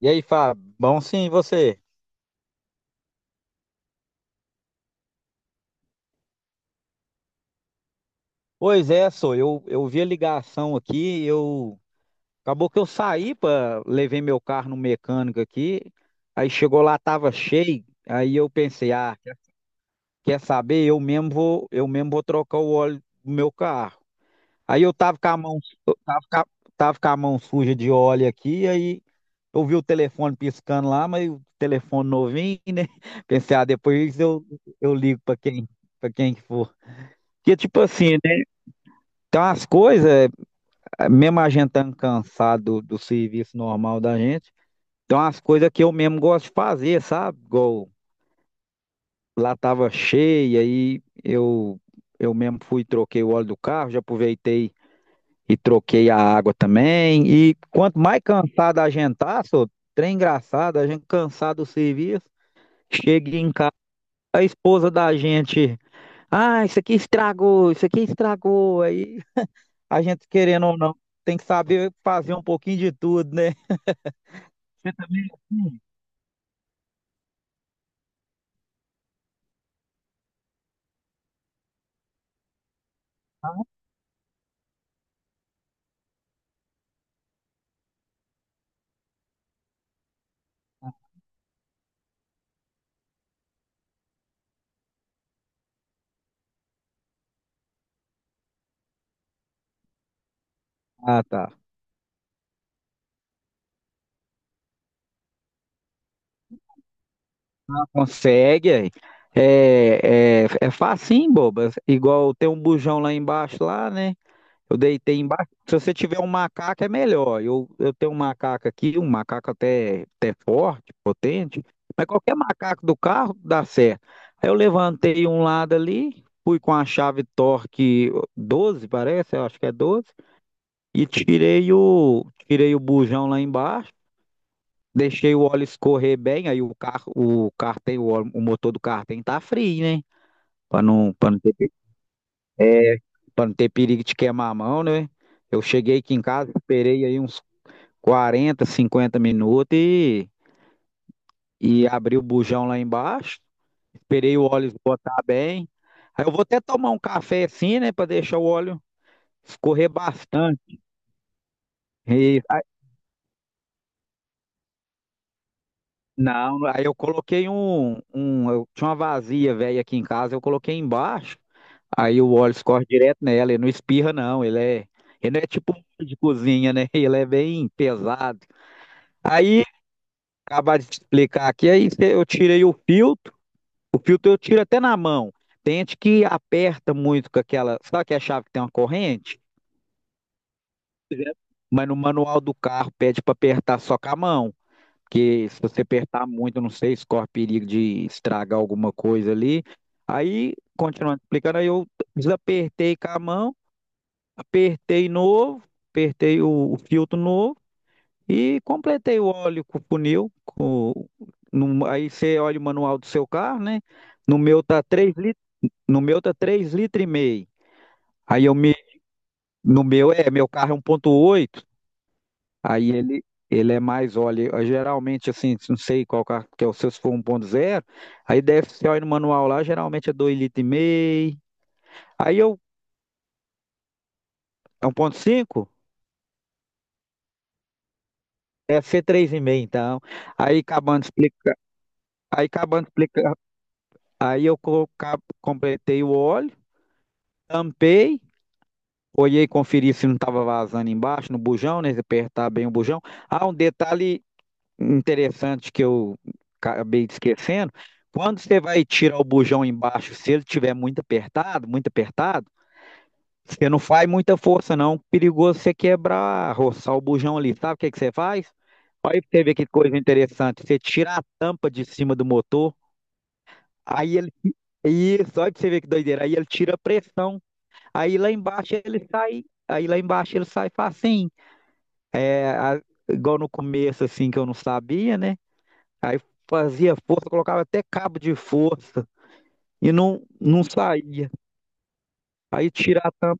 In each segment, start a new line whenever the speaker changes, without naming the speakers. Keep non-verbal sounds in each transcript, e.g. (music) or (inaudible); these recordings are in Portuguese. E aí, Fábio? Bom, sim, e você? Pois é, sou eu vi a ligação aqui, eu acabou que eu saí para levei meu carro no mecânico aqui, aí chegou lá tava cheio, aí eu pensei, ah, quer saber? Eu mesmo vou trocar o óleo do meu carro. Aí eu tava com a mão suja de óleo aqui, aí eu vi o telefone piscando lá, mas o telefone novinho, né? (laughs) Pensei, ah, depois eu eu ligo para quem, para quem que for. Que tipo assim, então, as coisas, mesmo a gente estando cansado do serviço normal da gente, então as coisas que eu mesmo gosto de fazer, sabe? Igual lá tava cheia e eu mesmo fui e troquei o óleo do carro, já aproveitei e troquei a água também. E quanto mais cansado a gente tá, só, trem engraçado, a gente cansado do serviço, chega em casa, a esposa da gente, ah, isso aqui estragou, aí a gente querendo ou não, tem que saber fazer um pouquinho de tudo, né? Ah, tá. Consegue aí. É facinho, boba. Igual tem um bujão lá embaixo, lá, né? Eu deitei embaixo. Se você tiver um macaco, é melhor. Eu tenho um macaco aqui, um macaco até forte, potente, mas qualquer macaco do carro dá certo. Aí eu levantei um lado ali, fui com a chave torque 12, parece, eu acho que é 12. E tirei o bujão lá embaixo, deixei o óleo escorrer bem, aí o carro, o cartem, o, óleo- o motor do carro cartem tá frio, né? Para para não ter, é, para não ter perigo de queimar a mão, né? Eu cheguei aqui em casa, esperei aí uns 40, 50 minutos e abri o bujão lá embaixo, esperei o óleo esgotar bem. Aí eu vou até tomar um café assim, né, para deixar o óleo escorrer bastante. Não, aí eu coloquei eu tinha uma vazia velha aqui em casa, eu coloquei embaixo, aí o óleo escorre direto nela, ele não espirra não, ele não é tipo um molho de cozinha, né? (laughs) Ele é bem pesado. Aí, acabar de te explicar aqui, eu tirei o filtro eu tiro até na mão. Tem gente que aperta muito com aquela, sabe que a chave que tem uma corrente? Mas no manual do carro pede para apertar só com a mão. Porque se você apertar muito, não sei, se corre perigo de estragar alguma coisa ali. Aí, continuando explicando, aí eu desapertei com a mão, apertei novo, apertei o filtro novo e completei o óleo com o funil. Com, no- Aí você olha o manual do seu carro, né? No meu tá 3 litros, no meu tá 3,5 litros. Aí eu me, no meu é, meu carro é 1,8. Aí ele é mais, olha, eu geralmente assim, não sei qual carro que é o seu, se for 1,0 aí deve ser olha no manual lá, geralmente é 2,5 litros. Aí eu, é 1,5. Deve ser 3,5 então. Aí acabando de explicar, aí acabando de explicar, completei o óleo, tampei, olhei, conferi se não estava vazando embaixo, no bujão, né, se apertar bem o bujão. Ah, um detalhe interessante que eu acabei esquecendo, quando você vai tirar o bujão embaixo, se ele tiver muito apertado, você não faz muita força não, perigoso você quebrar, roçar o bujão ali, sabe o que que você faz? Olha pra você ver que coisa interessante, você tira a tampa de cima do motor, aí ele, isso, olha pra você ver que doideira, aí ele tira a pressão, aí lá embaixo ele sai, aí lá embaixo ele sai facinho, é, a- igual no começo assim que eu não sabia, né? Aí fazia força, colocava até cabo de força e não saía. Aí tirar tam-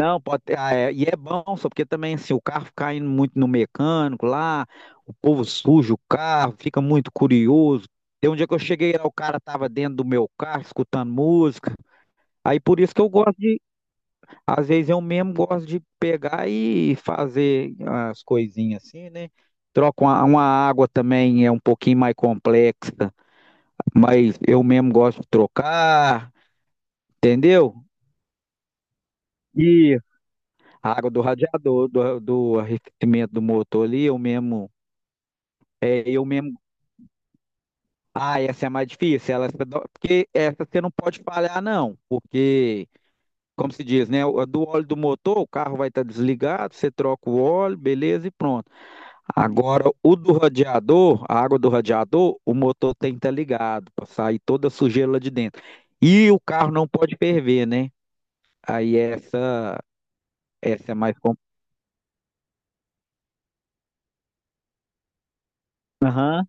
não, pode ter, e é bom, só porque também assim, o carro fica indo muito no mecânico lá, o povo suja o carro, fica muito curioso. Tem um dia que eu cheguei lá, o cara tava dentro do meu carro escutando música. Aí por isso que eu gosto de, às vezes eu mesmo gosto de pegar e fazer as coisinhas assim, né? Troco uma água também, é um pouquinho mais complexa, mas eu mesmo gosto de trocar, entendeu? E a água do radiador, do arrefecimento do motor ali, eu mesmo, é, eu mesmo, ah, essa é a mais difícil, ela, porque essa você não pode falhar não, porque, como se diz, né, o- do óleo do motor, o carro vai estar desligado, você troca o óleo, beleza, e pronto. Agora, o do radiador, a água do radiador, o motor tem que estar ligado, para sair toda a sujeira lá de dentro. E o carro não pode ferver, né? Aí essa Essa é mais complicada.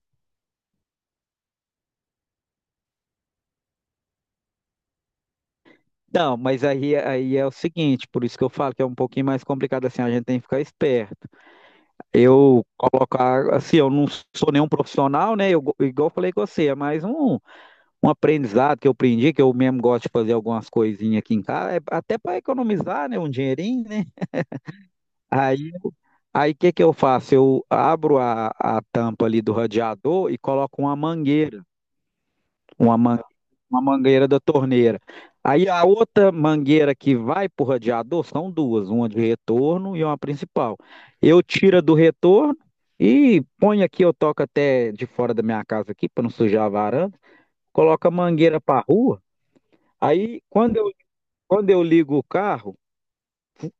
Não, mas aí, aí é o seguinte, por isso que eu falo que é um pouquinho mais complicado assim, a gente tem que ficar esperto. Eu colocar, assim, eu não sou nenhum profissional, né? Eu, igual eu falei com você, é mais um aprendizado que eu aprendi, que eu mesmo gosto de fazer algumas coisinhas aqui em casa, é até para economizar, né? Um dinheirinho, né? Aí Aí o que que eu faço? Eu abro a tampa ali do radiador e coloco uma mangueira. uma, man- uma mangueira da torneira. Aí a outra mangueira que vai para o radiador são duas, uma de retorno e uma principal. Eu tiro a do retorno e ponho aqui, eu toco até de fora da minha casa aqui para não sujar a varanda, coloco a mangueira para a rua. Aí quando eu, quando eu ligo o carro,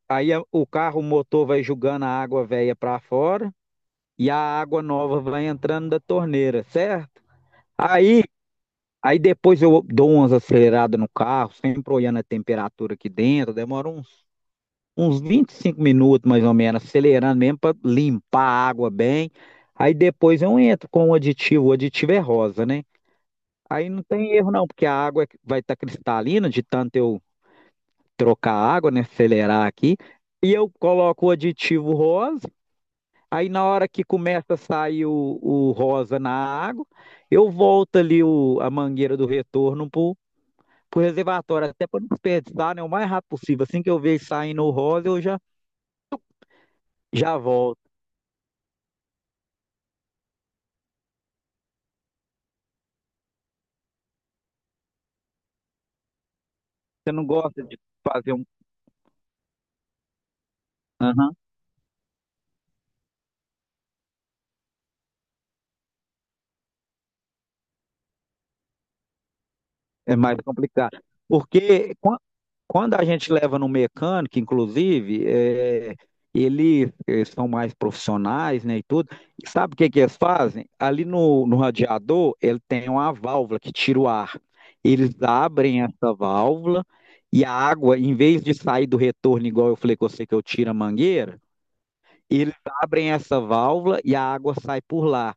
o motor vai jogando a água velha para fora e a água nova vai entrando da torneira, certo? Aí Aí depois eu dou umas aceleradas no carro, sempre olhando a temperatura aqui dentro, demora uns, uns 25 minutos mais ou menos, acelerando mesmo para limpar a água bem. Aí depois eu entro com o aditivo é rosa, né? Aí não tem erro não, porque a água vai estar cristalina de tanto eu trocar a água, né? Acelerar aqui. E eu coloco o aditivo rosa, aí na hora que começa a sair o rosa na água, eu volto ali o, a mangueira do retorno para pro reservatório, até para não desperdiçar, né? O mais rápido possível. Assim que eu vejo saindo o rosa, já volto. Você não gosta de fazer um. Aham, é mais complicado. Porque quando a gente leva no mecânico, inclusive, é, eles são mais profissionais, né, e tudo. E sabe o que que eles fazem? Ali no, no radiador, ele tem uma válvula que tira o ar. Eles abrem essa válvula e a água, em vez de sair do retorno, igual eu falei com você que eu tiro a mangueira, eles abrem essa válvula e a água sai por lá.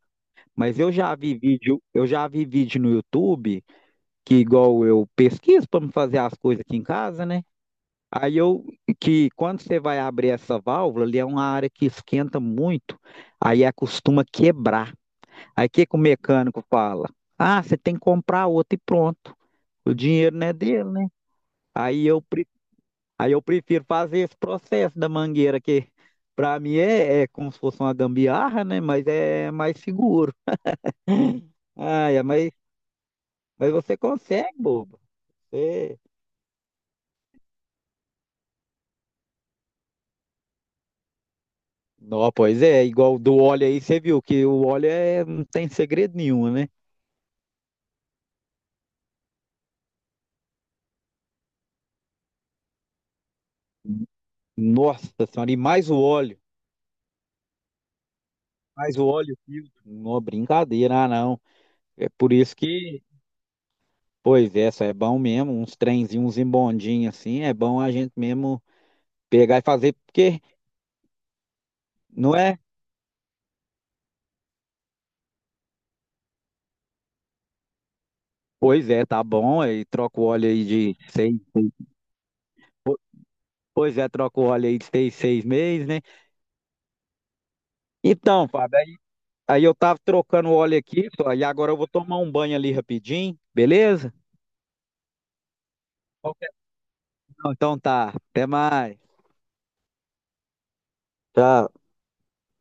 Mas eu já vi vídeo no YouTube, que igual eu pesquiso para me fazer as coisas aqui em casa, né? Aí eu que quando você vai abrir essa válvula, ali é uma área que esquenta muito, aí é, costuma quebrar. Aí o que que o mecânico fala? Ah, você tem que comprar outra e pronto. O dinheiro não é dele, né? Aí eu Aí eu prefiro fazer esse processo da mangueira, que para mim é, é como se fosse uma gambiarra, né? Mas é mais seguro. Ah, é, mas, você consegue, bobo. Você... Não, pois é, igual do óleo aí, você viu que o óleo é, não tem segredo nenhum, né? Nossa senhora, e mais o óleo, filtro. Não, brincadeira, ah, não. É por isso que, pois é, isso é bom mesmo, uns trenzinhos, uns embondinhos assim, é bom a gente mesmo pegar e fazer, porque não é. Pois é, tá bom. Aí troca o óleo aí de seis. po- Pois é, troca o óleo aí de seis, 6 meses, né? Então, Fábio, aí, aí eu tava trocando o óleo aqui, só, e agora eu vou tomar um banho ali rapidinho, beleza? Qualquer- Então tá, até mais. Tchau.